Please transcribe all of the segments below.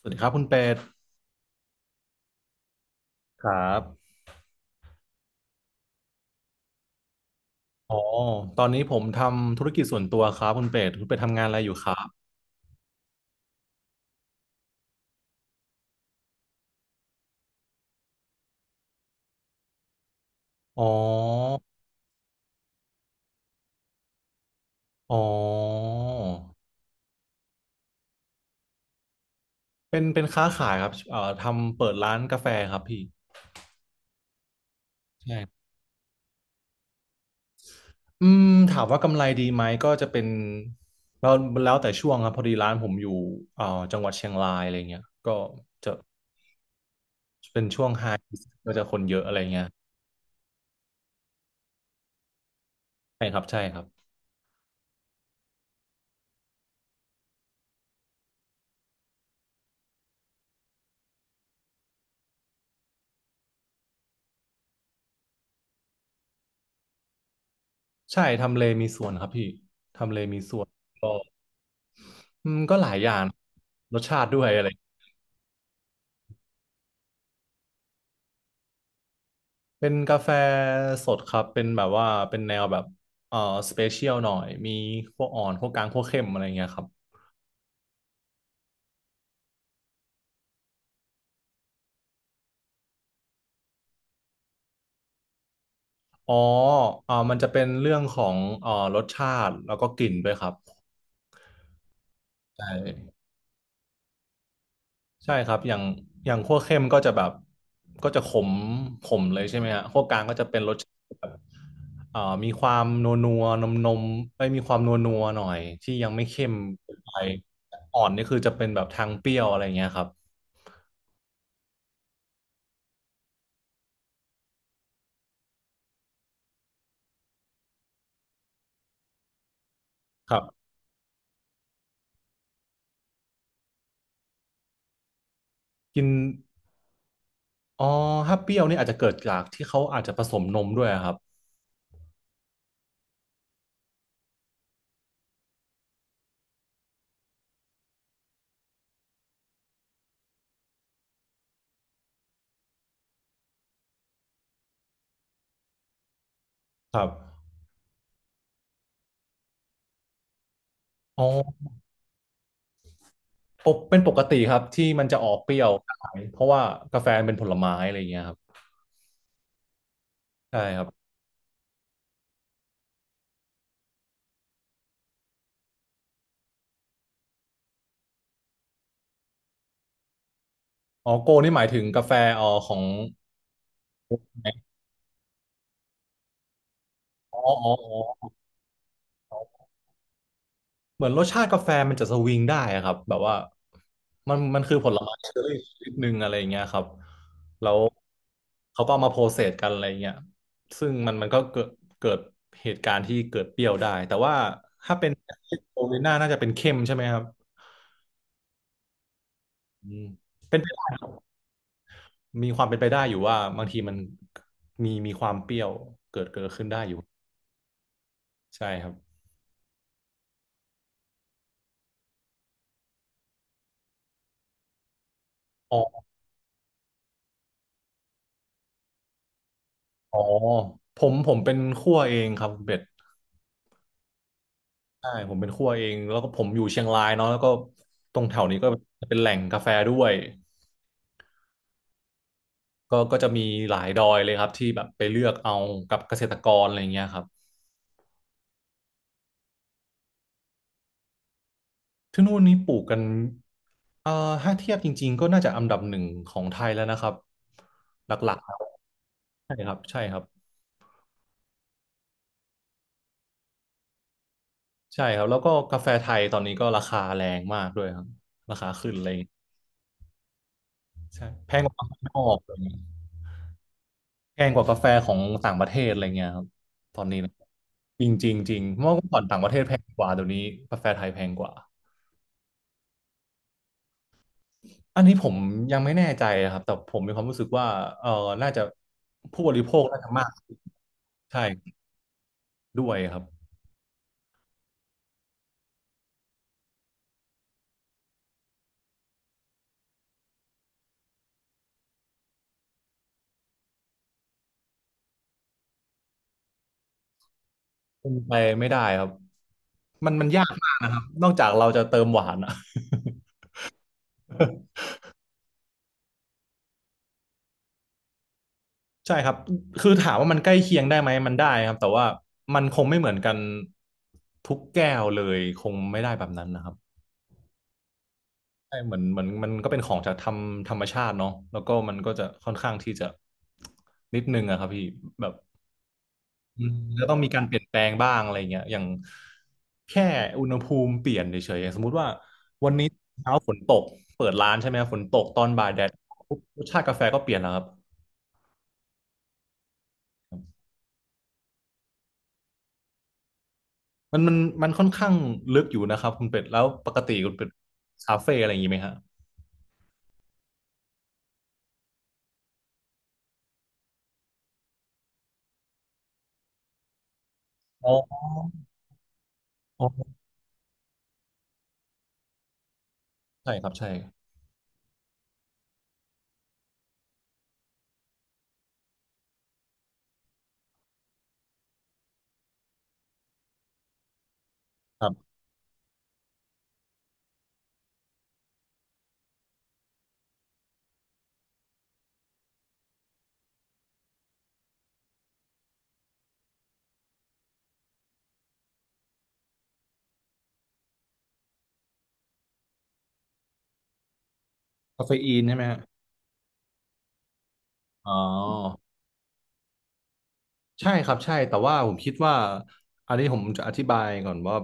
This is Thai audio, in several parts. สวัสดีครับคุณเป็ดครับอ๋อตอนนี้ผมทำธุรกิจส่วนตัวครับคุณเป็ดคุณเป็ดทำงานอะไรอยู่ครับอ๋ออ๋อเป็นค้าขายครับทำเปิดร้านกาแฟครับพี่ใช่อืมถามว่ากำไรดีไหมก็จะเป็นเราแล้วแต่ช่วงครับพอดีร้านผมอยู่เอ่อจังหวัดเชียงรายอะไรเงี้ยก็จะเป็นช่วงไฮก็จะคนเยอะอะไรเงี้ยใช่ครับใช่ครับใช่ทำเลมีส่วนครับพี่ทำเลมีส่วน อืมก็หลายอย่างรสชาติด้วยอะไรเป็นกาแฟสดครับเป็นแบบว่าเป็นแนวแบบเอ่อสเปเชียลหน่อยมีพวกอ่อนพวกกลางพวกเข้มอะไรเงี้ยครับอ๋อมันจะเป็นเรื่องของรสชาติแล้วก็กลิ่นด้วยครับใช่ ใช่ครับอย่างอย่างคั่วเข้มก็จะแบบก็จะขมขมเลยใช่ไหมฮะคั่วกลางก็จะเป็นรสชาติแบบมีความนัวนัวนมนมไม่มีความนัวนัวหน่อยที่ยังไม่เข้มเกินไปอ่อนนี่คือจะเป็นแบบทางเปรี้ยวอะไรอย่างเงี้ยครับครับกินอ๋อถ้าเปรี้ยวนี่อาจจะเกิดจากที่เขาอาจจะผสมนมด้วยอะครับครับอ๋อปกเป็นปกติครับที่มันจะออกเปรี้ยวได้เพราะว่ากาแฟเป็นผลไม้อะไรอย่างเงี้ยครับใช่ครับอ๋อโกนี่หมายถึงกาแฟอ๋อของใน อ๋ออ๋ออ๋อเหมือนรสชาติกาแฟมันจะสวิงได้อะครับแบบว่ามันคือผลไม้เชอร์รี่ชนิดหนึ่งอะไรอย่างเงี้ยครับแล้วเขาก็เอามาโพสเซสกันอะไรอย่างเงี้ยซึ่งมันก็เกิดเหตุการณ์ที่เกิดเปรี้ยวได้แต่ว่าถ้าเป็นโอลิน่าน่าจะเป็นเข้มใช่ไหมครับอืมมีความเป็นไปได้อยู่ว่าบางทีมันมีความเปรี้ยวเกิดขึ้นได้อยู่ใช่ครับอ๋ออ๋อผมเป็นคั่วเองครับคุณเป็ด ใช่ผมเป็นคั่วเองแล้วก็ผมอยู่เชียงรายเนาะแล้วก็ตรงแถวนี้ก็เป็นแหล่งกาแฟด้วยก็จะมีหลายดอยเลยครับที่แบบไปเลือกเอากับเกษตรกรอะไรเงี้ยครับที่นู่นนี้ปลูกกันเอ่อถ้าเทียบจริงๆก็น่าจะอันดับหนึ่งของไทยแล้วนะครับหลักๆใช่ครับใช่ครับใช่ครับแล้วก็กาแฟไทยตอนนี้ก็ราคาแรงมากด้วยครับราคาขึ้นเลยใช่แพงกว่าข้างนอกเลย แพงกว่ากาแฟของต่างประเทศอะไรเงี้ยครับตอนนี้นะจริงจริงจริงเมื่อก่อนต่างประเทศแพงกว่าเดี๋ยวนี้กาแฟไทยแพงกว่าอันนี้ผมยังไม่แน่ใจนะครับแต่ผมมีความรู้สึกว่าเออน่าจะผู้บริโภคน่าจะมากใช่ด้วยครับเป็นไปไม่ได้ครับมันยากมากนะครับนอกจากเราจะเติมหวานอะ ใช่ครับคือถามว่ามันใกล้เคียงได้ไหมมันได้ครับแต่ว่ามันคงไม่เหมือนกันทุกแก้วเลยคงไม่ได้แบบนั้นนะครับ ใช่เหมือนเหมือนมันก็เป็นของจากธรรมธรรมชาติเนาะแล้วก็มันก็จะค่อนข้างที่จะนิดนึงอะครับพี่แบบอืมจะต้องมีการเปลี่ยนแปลงบ้างอะไรเงี้ยอย่างแค่อุณหภูมิเปลี่ยนเฉยๆสมมุติว่าวันนี้เช้าฝนตกเปิดร้านใช่ไหมครับฝนตกตอนบ่ายแดดปุ๊บรสชาติกาแฟก็เปลี่ยนแล้วครับมันมันมันค่อนข้างลึกอยู่นะครับคุณเป็ดแล้วปกติคุณเป็ดคาเฟ่อะไรอย่างนี้ไหมฮะอ๋ออ๋อใช่ครับใช่ครับคาเฟอีนใช่ไหมฮะอ๋อ ใช่ครับใช่แต่ว่าผมคิดว่าอันนี้ผมจะอธิบายก่อนว่า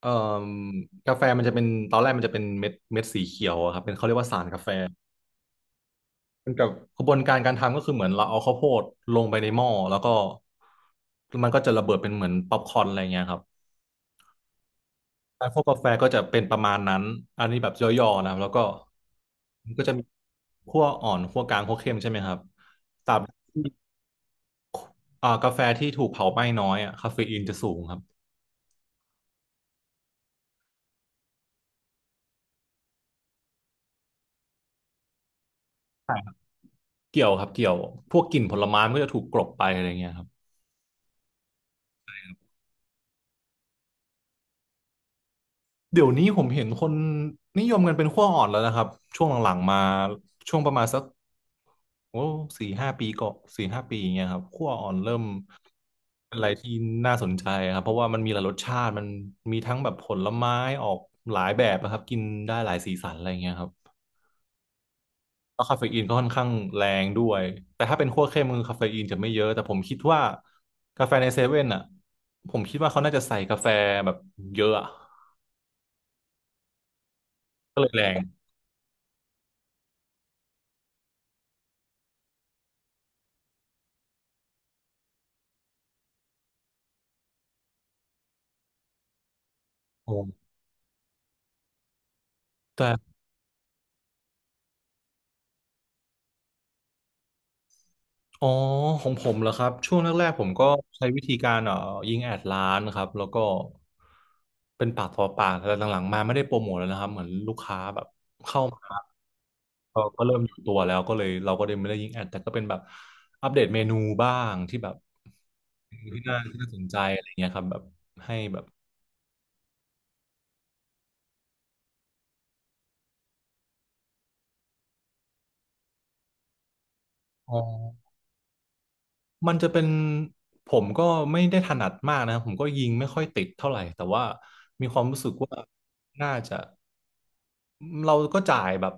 เอ่มกาแฟมันจะเป็นตอนแรกมันจะเป็นเม็ดสีเขียวอะครับเป็นเขาเรียกว่าสารกาแฟมันกับกระบวนการการทำก็คือเหมือนเราเอาข้าวโพดลงไปในหม้อแล้วก็มันก็จะระเบิดเป็นเหมือนป๊อปคอร์นอะไรเงี้ยครับการคั่วกาแฟก็จะเป็นประมาณนั้นอันนี้แบบย่อๆนะครับแล้วก็มันก็จะมีคั่วอ่อนคั่วกลางคั่วเข้มใช่ไหมครับตราบที่อ่ากาแฟที่ถูกเผาไหม้น้อยอะคาเฟอีนจะสูงครับ เกี่ยวครับเกี่ยวพวกกลิ่นผลไม้มันก็จะถูกกลบไปอะไรเงี้ยครับเดี๋ยวนี้ผมเห็นคนนิยมกันเป็นขั้วอ่อนแล้วนะครับช่วงหลังๆมาช่วงประมาณสักโอ้สี่ห้าปีก่อนสี่ห้าปีอย่างเงี้ยครับขั้วอ่อนเริ่มเป็นอะไรที่น่าสนใจครับเพราะว่ามันมีหลายรสชาติมันมีทั้งแบบผลไม้ออกหลายแบบนะครับกินได้หลายสีสันอะไรเงี้ยครับ แล้วคาเฟอีนก็ค่อนข้างแรงด้วย แต่ถ้าเป็นคั่วเข้มคือคาเฟอีนจะไม่เยอะ แต่ผมคิดว่ากาแฟในเซเว่นอ่ะ ผมคิดว่าเขาน่าจะใส่กาแฟแบบเยอะอะ ก็เลยแรงโอ้แต่อ๋อของผมเหรอครับ ช่วงแรกๆผมก็ใช้วิธีการยิงแอดร้านครับ แล้วก็เป็นปากต่อปากแต่หลังๆมาไม่ได้โปรโมทแล้วนะครับ เหมือนลูกค้าแบบเข้ามาก็เริ่มอยู่ตัวแล้วก็เลยเราก็เลยไม่ได้ยิงแอดแต่ก็เป็นแบบอัปเดตเมนูบ้างที่แบบ ที่น่าสนใจอะไรเงี้ยครับแบบให้แบบอ๋อมันจะเป็นผมก็ไม่ได้ถนัดมากนะครับผมก็ยิงไม่ค่อยติดเท่าไหร่แต่ว่ามีความรู้สึกว่าน่าจะ เราก็จ่ายแบบ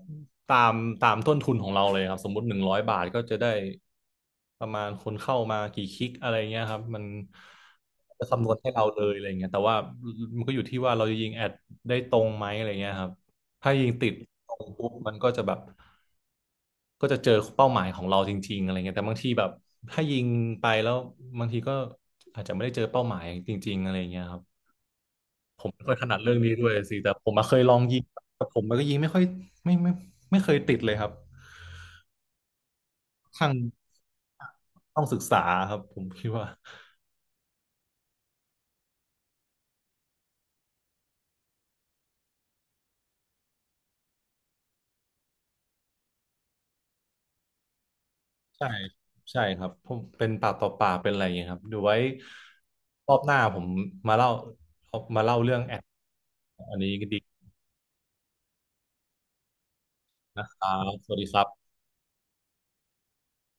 ตามตามต้นทุนของเราเลยครับสมมติ100 บาทก็จะได้ประมาณคนเข้ามากี่คลิกอะไรเงี้ยครับมันจะคำนวณให้เราเลยอะไรเงี้ยแต่ว่ามันก็อยู่ที่ว่าเราจะยิงแอดได้ตรงไหมอะไรเงี้ยครับถ้ายิงติดตรงปุ๊บมันก็จะแบบก็จะเจอเป้าหมายของเราจริงๆอะไรเงี้ยแต่บางทีแบบถ้ายิงไปแล้วบางทีก็อาจจะไม่ได้เจอเป้าหมายจริงๆอะไรเงี้ยครับ ผมไม่ค่อยถนัดเรื่องนี้ด้วยสิแต่ผมมาเคยลองยิงแต่ผมมันก็ยิงไม่ค่อยไม่ไม่ไม่ไม่เคยติดเลยครับทางต้องศึกษาครับผมคิดว่าใช่ใช่ครับผมเป็นปากต่อปากเป็นอะไรอย่างเงี้ยครับเดี๋ยวไว้รอบหน้าผมมาเล่ามาเล่าเรื่องแอดอันนี้ดีนะครับสวัสดีครับ